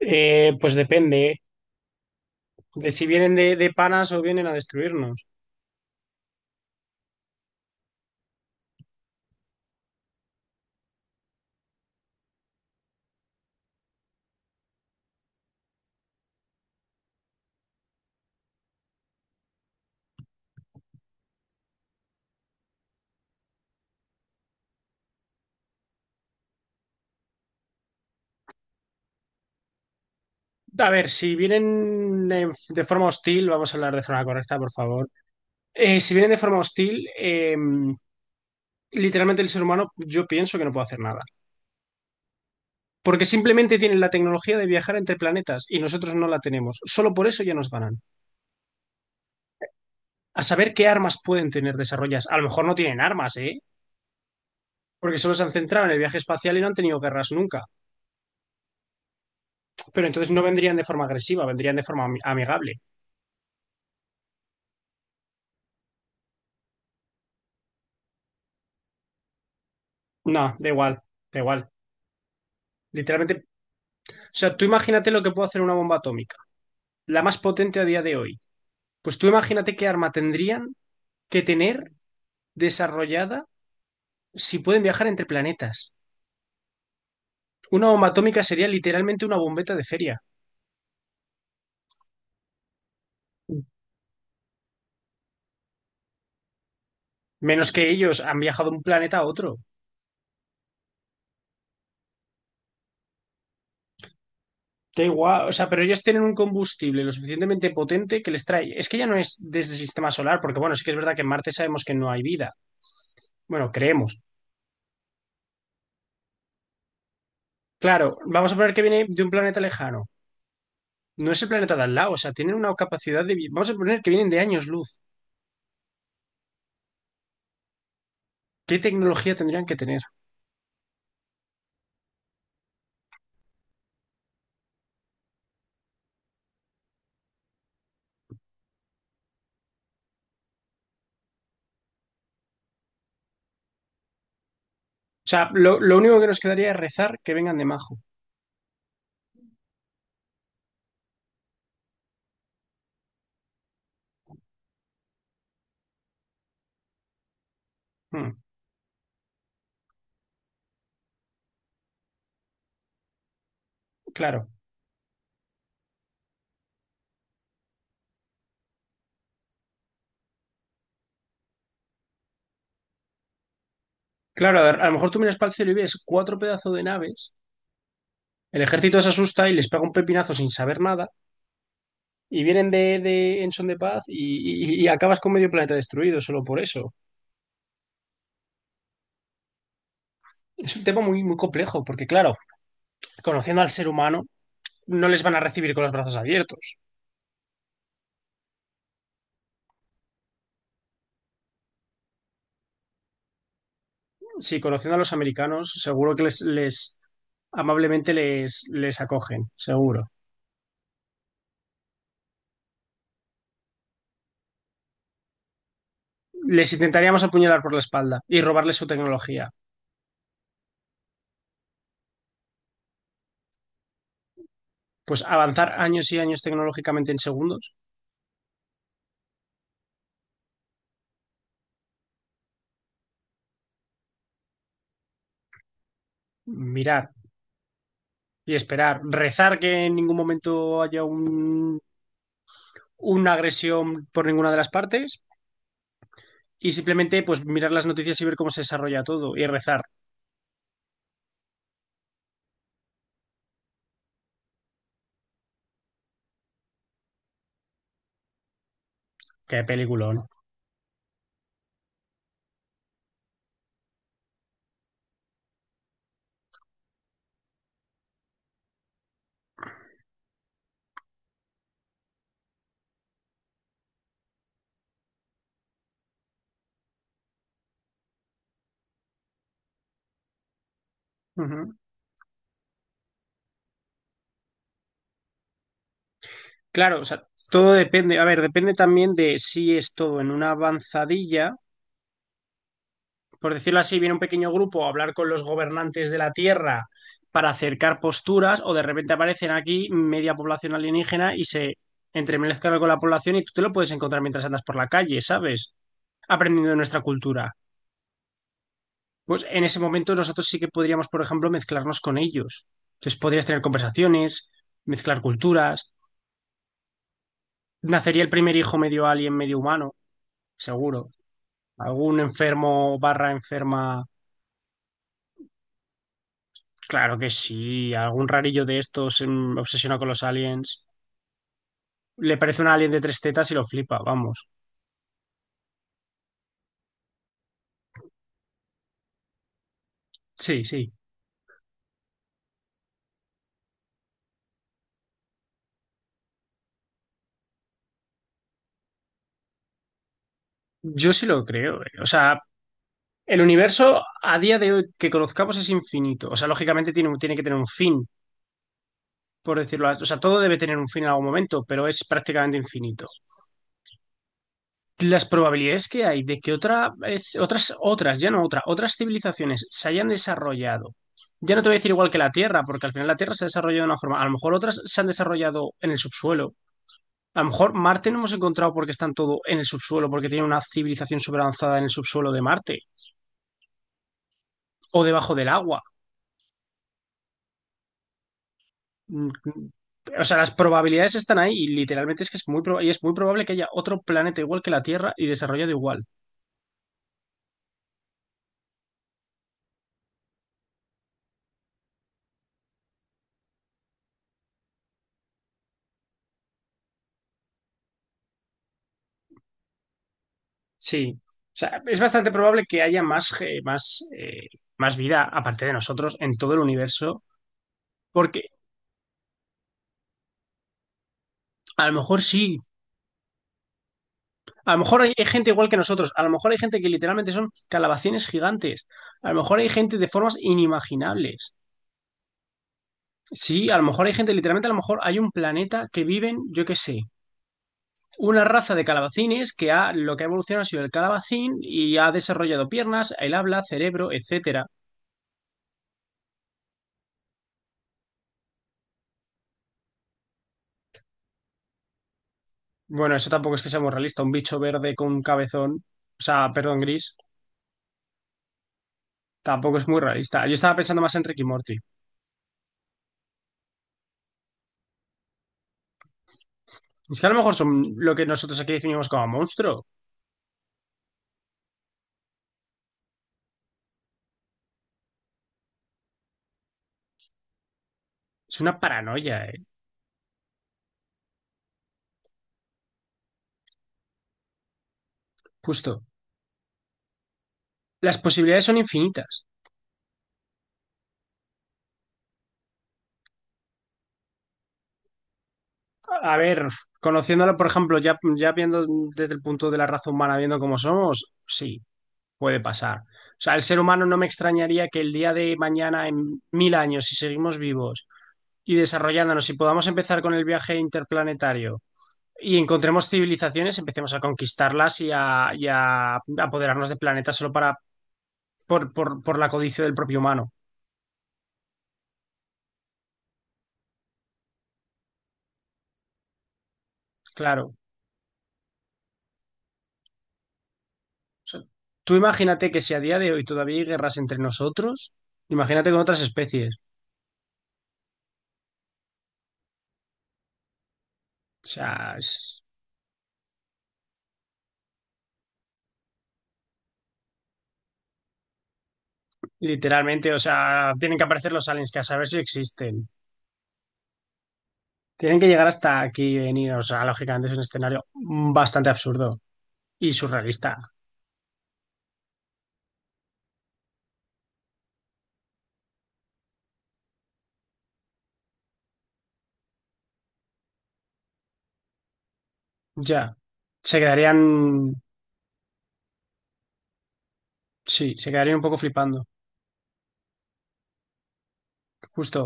Pues depende, ¿eh? De si vienen de panas o vienen a destruirnos. A ver, si vienen de forma hostil, vamos a hablar de forma correcta, por favor. Si vienen de forma hostil, literalmente el ser humano yo pienso que no puede hacer nada. Porque simplemente tienen la tecnología de viajar entre planetas y nosotros no la tenemos. Solo por eso ya nos ganan. A saber qué armas pueden tener desarrollas. A lo mejor no tienen armas, ¿eh? Porque solo se han centrado en el viaje espacial y no han tenido guerras nunca. Pero entonces no vendrían de forma agresiva, vendrían de forma amigable. No, da igual, da igual. Literalmente, o sea, tú imagínate lo que puede hacer una bomba atómica, la más potente a día de hoy. Pues tú imagínate qué arma tendrían que tener desarrollada si pueden viajar entre planetas. Una bomba atómica sería literalmente una bombeta de feria, menos que ellos han viajado de un planeta a otro. Da igual, o sea, pero ellos tienen un combustible lo suficientemente potente que les trae. Es que ya no es desde el sistema solar, porque bueno, sí que es verdad que en Marte sabemos que no hay vida. Bueno, creemos. Claro, vamos a poner que viene de un planeta lejano. No es el planeta de al lado, o sea, tienen una capacidad de... Vamos a poner que vienen de años luz. ¿Qué tecnología tendrían que tener? O sea, lo único que nos quedaría es rezar que vengan de Majo. Hmm, claro. Claro, a ver, a lo mejor tú miras para el cielo y ves cuatro pedazos de naves, el ejército se asusta y les pega un pepinazo sin saber nada, y vienen de en son de paz y, y acabas con medio planeta destruido solo por eso. Es un tema muy, muy complejo, porque claro, conociendo al ser humano, no les van a recibir con los brazos abiertos. Sí, conociendo a los americanos, seguro que les amablemente les acogen, seguro. Les intentaríamos apuñalar por la espalda y robarles su tecnología. Pues avanzar años y años tecnológicamente en segundos, mirar y esperar, rezar que en ningún momento haya un, una agresión por ninguna de las partes y simplemente pues mirar las noticias y ver cómo se desarrolla todo y rezar. Qué peliculón. Ujú. Claro, o sea, todo depende, a ver, depende también de si es todo en una avanzadilla por decirlo así, viene un pequeño grupo a hablar con los gobernantes de la Tierra para acercar posturas, o de repente aparecen aquí media población alienígena y se entremezclan con la población y tú te lo puedes encontrar mientras andas por la calle, ¿sabes? Aprendiendo de nuestra cultura. Pues en ese momento nosotros sí que podríamos, por ejemplo, mezclarnos con ellos. Entonces podrías tener conversaciones, mezclar culturas. Nacería el primer hijo medio alien, medio humano, seguro. Algún enfermo barra enferma. Claro que sí, algún rarillo de estos obsesionado con los aliens. Le parece un alien de tres tetas y lo flipa, vamos. Sí, sí. Yo sí lo creo, eh. O sea, el universo a día de hoy que conozcamos es infinito. O sea, lógicamente tiene, tiene que tener un fin, por decirlo así. O sea, todo debe tener un fin en algún momento, pero es prácticamente infinito. Las probabilidades que hay de que otras, ya no otra, otras civilizaciones se hayan desarrollado ya no te voy a decir igual que la Tierra, porque al final la Tierra se ha desarrollado de una forma. A lo mejor otras se han desarrollado en el subsuelo. A lo mejor Marte no hemos encontrado porque están todo en el subsuelo, porque tiene una civilización súper avanzada en el subsuelo de Marte o debajo del agua. Mm, mm. O sea, las probabilidades están ahí y literalmente es que es muy, y es muy probable que haya otro planeta igual que la Tierra y desarrollado igual. Sí. O sea, es bastante probable que haya más, más, más vida aparte de nosotros en todo el universo, porque a lo mejor sí, a lo mejor hay, hay gente igual que nosotros, a lo mejor hay gente que literalmente son calabacines gigantes, a lo mejor hay gente de formas inimaginables. Sí, a lo mejor hay gente, literalmente a lo mejor hay un planeta que viven, yo qué sé, una raza de calabacines que ha, lo que ha evolucionado ha sido el calabacín y ha desarrollado piernas, el habla, cerebro, etcétera. Bueno, eso tampoco es que sea muy realista, un bicho verde con un cabezón, o sea, perdón, gris, tampoco es muy realista. Yo estaba pensando más en Rick y Morty. Es que a lo mejor son lo que nosotros aquí definimos como monstruo. Es una paranoia, eh. Justo. Las posibilidades son infinitas. A ver, conociéndolo, por ejemplo, ya, ya viendo desde el punto de la raza humana, viendo cómo somos, sí, puede pasar. O sea, el ser humano no me extrañaría que el día de mañana, en 1000 años, si seguimos vivos y desarrollándonos, si podamos empezar con el viaje interplanetario y encontremos civilizaciones, empecemos a conquistarlas y a apoderarnos de planetas solo para, por la codicia del propio humano. Claro. O sea, tú imagínate que si a día de hoy todavía hay guerras entre nosotros, imagínate con otras especies. O sea, literalmente, o sea, tienen que aparecer los aliens, que a saber si existen. Tienen que llegar hasta aquí y venir. O sea, lógicamente es un escenario bastante absurdo y surrealista. Ya. Se quedarían. Sí, se quedarían un poco flipando. Justo.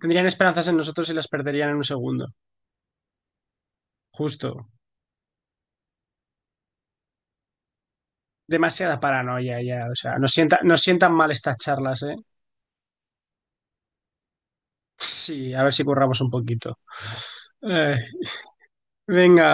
Tendrían esperanzas en nosotros y las perderían en un segundo. Justo. Demasiada paranoia ya. O sea, nos sienta, nos sientan mal estas charlas, ¿eh? Sí, a ver si curramos un poquito. Eh, venga.